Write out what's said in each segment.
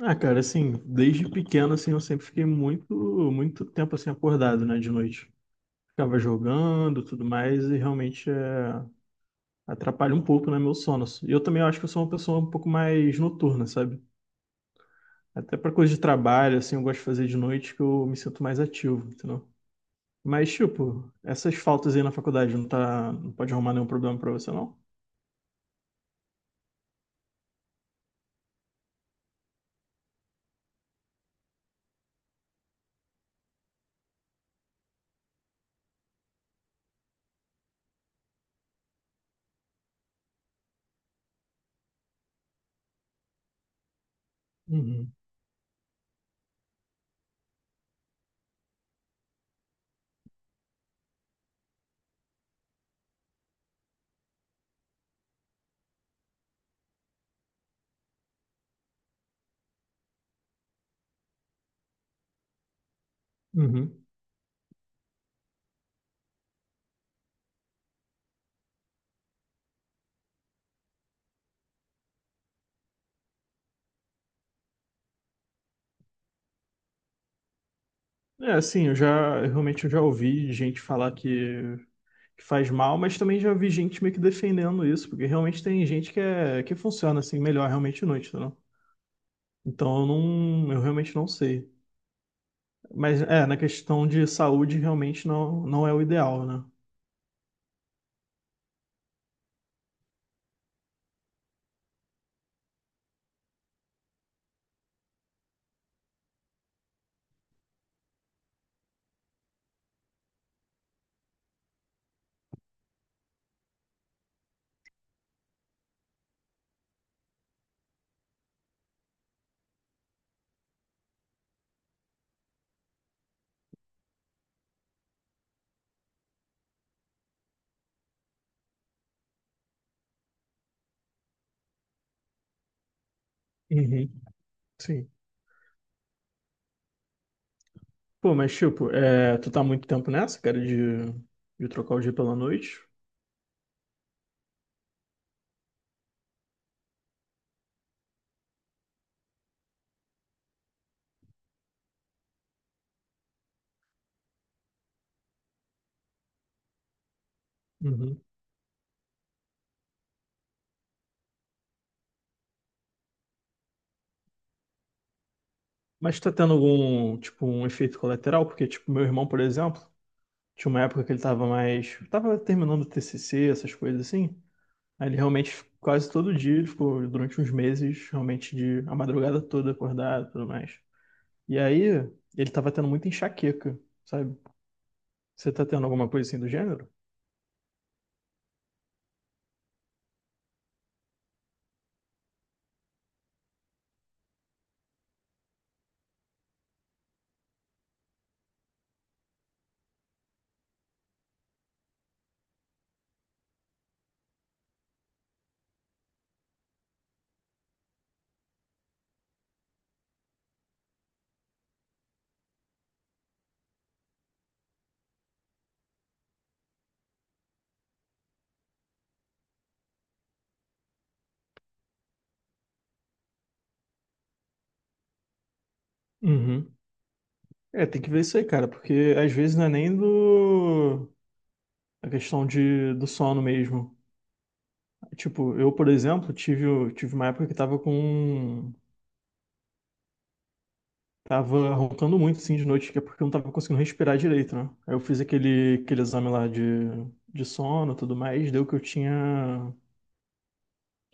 Ah, cara, assim, desde pequeno, assim, eu sempre fiquei muito, muito tempo, assim, acordado, né, de noite. Ficava jogando, tudo mais, e realmente é, atrapalha um pouco, né, meu sono. E eu também acho que eu sou uma pessoa um pouco mais noturna, sabe? Até pra coisa de trabalho, assim, eu gosto de fazer de noite que eu me sinto mais ativo, entendeu? Mas, tipo, essas faltas aí na faculdade não tá, não pode arrumar nenhum problema pra você, não? Uhum. Uhum. É, assim, eu realmente eu já ouvi gente falar que faz mal, mas também já vi gente meio que defendendo isso, porque realmente tem gente que, é, que funciona assim melhor realmente à noite, entendeu? Então eu realmente não sei. Mas é, na questão de saúde realmente não, não é o ideal, né? Uhum, sim. Pô, mas tipo, é, tu tá há muito tempo nessa, cara, de trocar o dia pela noite? Uhum. Mas tá tendo algum, tipo, um efeito colateral? Porque, tipo, meu irmão, por exemplo. Tinha uma época que ele tava mais. Tava terminando o TCC, essas coisas assim. Aí ele realmente, quase todo dia, ele ficou durante uns meses, realmente, de a madrugada toda acordado e tudo mais. E aí, ele tava tendo muita enxaqueca, sabe? Você tá tendo alguma coisa assim do gênero? Uhum. É, tem que ver isso aí, cara, porque às vezes não é nem do. A questão de do sono mesmo. Tipo, eu, por exemplo, tive uma época que tava com. Tava roncando muito, assim, de noite, que é porque eu não tava conseguindo respirar direito, né? Aí eu fiz aquele exame lá de sono e tudo mais, deu que eu tinha...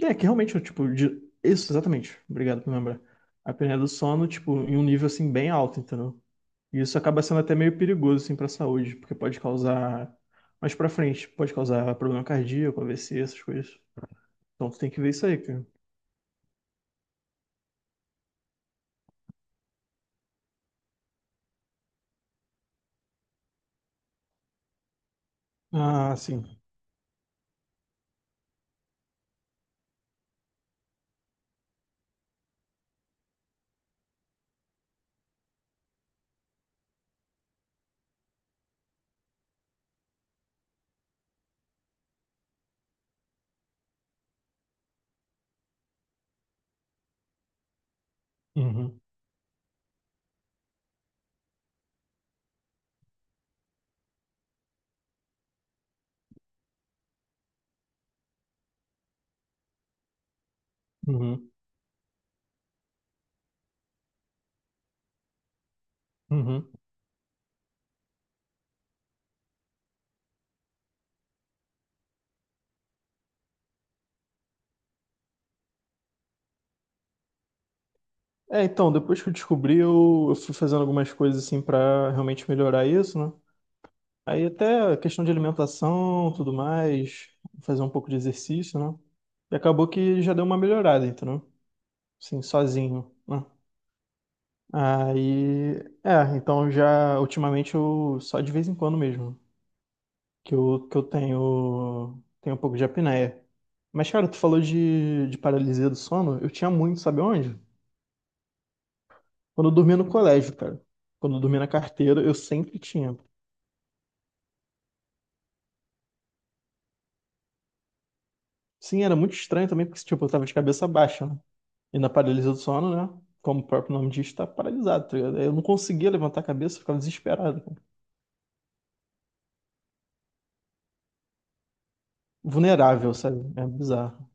É, que realmente, eu, tipo, de... Isso, exatamente. Obrigado por lembrar. A apneia do sono, tipo, em um nível, assim, bem alto, entendeu? E isso acaba sendo até meio perigoso, assim, pra saúde, porque pode causar... Mais pra frente, pode causar problema cardíaco, AVC, essas coisas. Então tu tem que ver isso aí, cara. Ah, sim. Uhum, uhum, uhum. É, então, depois que eu descobri, eu fui fazendo algumas coisas assim pra realmente melhorar isso, né? Aí até a questão de alimentação, tudo mais, fazer um pouco de exercício, né? E acabou que já deu uma melhorada, entendeu? Assim, sozinho, né? Aí, é, então já ultimamente eu só de vez em quando mesmo que eu tenho, um pouco de apneia. Mas cara, tu falou de paralisia do sono, eu tinha muito, sabe onde? Quando eu dormia no colégio, cara. Quando eu dormia na carteira, eu sempre tinha. Sim, era muito estranho também, porque, tipo, eu tava de cabeça baixa, né? E na paralisia do sono, né? Como o próprio nome diz, tá paralisado, tá ligado? Eu não conseguia levantar a cabeça, eu ficava desesperado, cara. Vulnerável, sabe? É bizarro.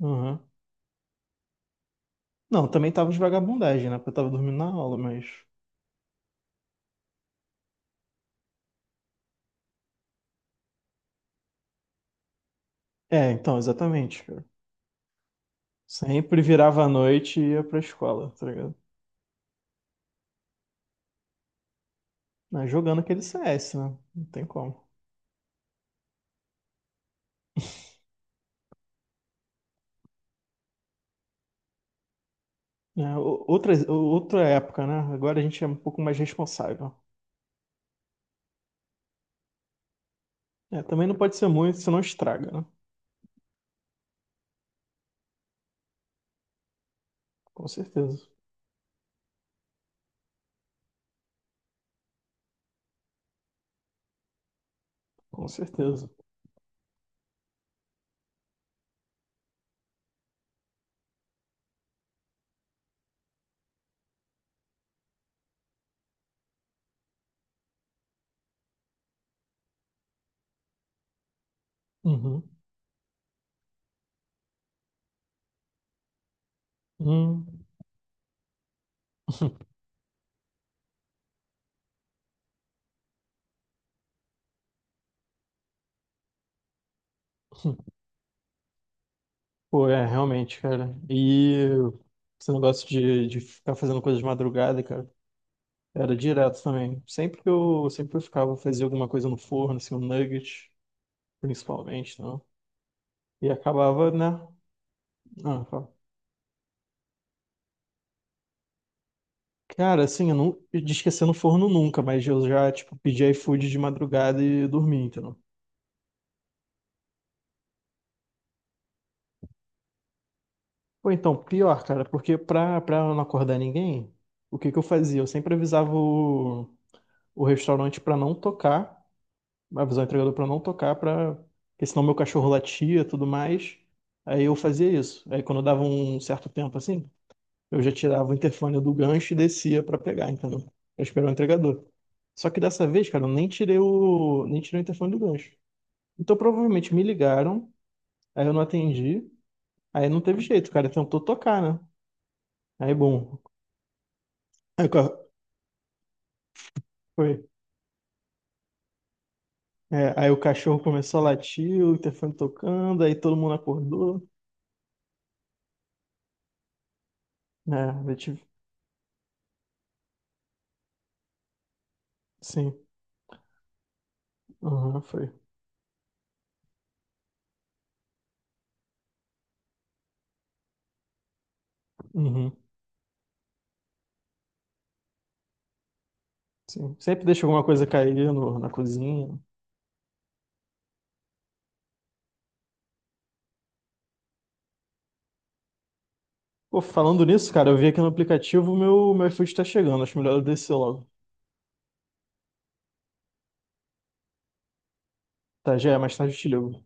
Uhum. Não, também tava de vagabundagem, né? Porque eu tava dormindo na aula, mas... É, então, exatamente, cara. Sempre virava a noite e ia pra escola, tá ligado? Mas jogando aquele CS, né? Não tem como. Né? Outras, outra época, né? Agora a gente é um pouco mais responsável. É, também não pode ser muito, senão estraga, né? Com certeza, com certeza. Uhum. Hum. Pô, é, realmente, cara. E esse negócio de ficar fazendo coisas de madrugada, cara, era direto também. Sempre que eu ficava, fazia alguma coisa no forno, assim, um nugget, principalmente, não? E acabava, né? Ah, fala. Cara, assim, eu de esquecer no forno nunca, mas eu já, tipo, pedi iFood de madrugada e dormi, entendeu? Ou então, pior, cara, porque pra não acordar ninguém, o que que eu fazia? Eu sempre avisava o restaurante pra não tocar, avisava o entregador pra não tocar, pra, porque senão meu cachorro latia e tudo mais. Aí eu fazia isso. Aí quando dava um certo tempo assim, eu já tirava o interfone do gancho e descia pra pegar, entendeu? Pra esperar o entregador. Só que dessa vez, cara, eu nem tirei o interfone do gancho. Então provavelmente me ligaram, aí eu não atendi, aí não teve jeito, o cara tentou tocar, né? Aí bom, aí, foi. É, aí o cachorro começou a latir, o interfone tocando, aí todo mundo acordou. É, eu tive... Sim, aham, foi. Uhum, sim. Sempre deixa alguma coisa cair no, na cozinha. Pô, falando nisso, cara, eu vi aqui no aplicativo meu iFood tá chegando, acho melhor eu descer logo. Tá, já é, mais tarde eu te ligo.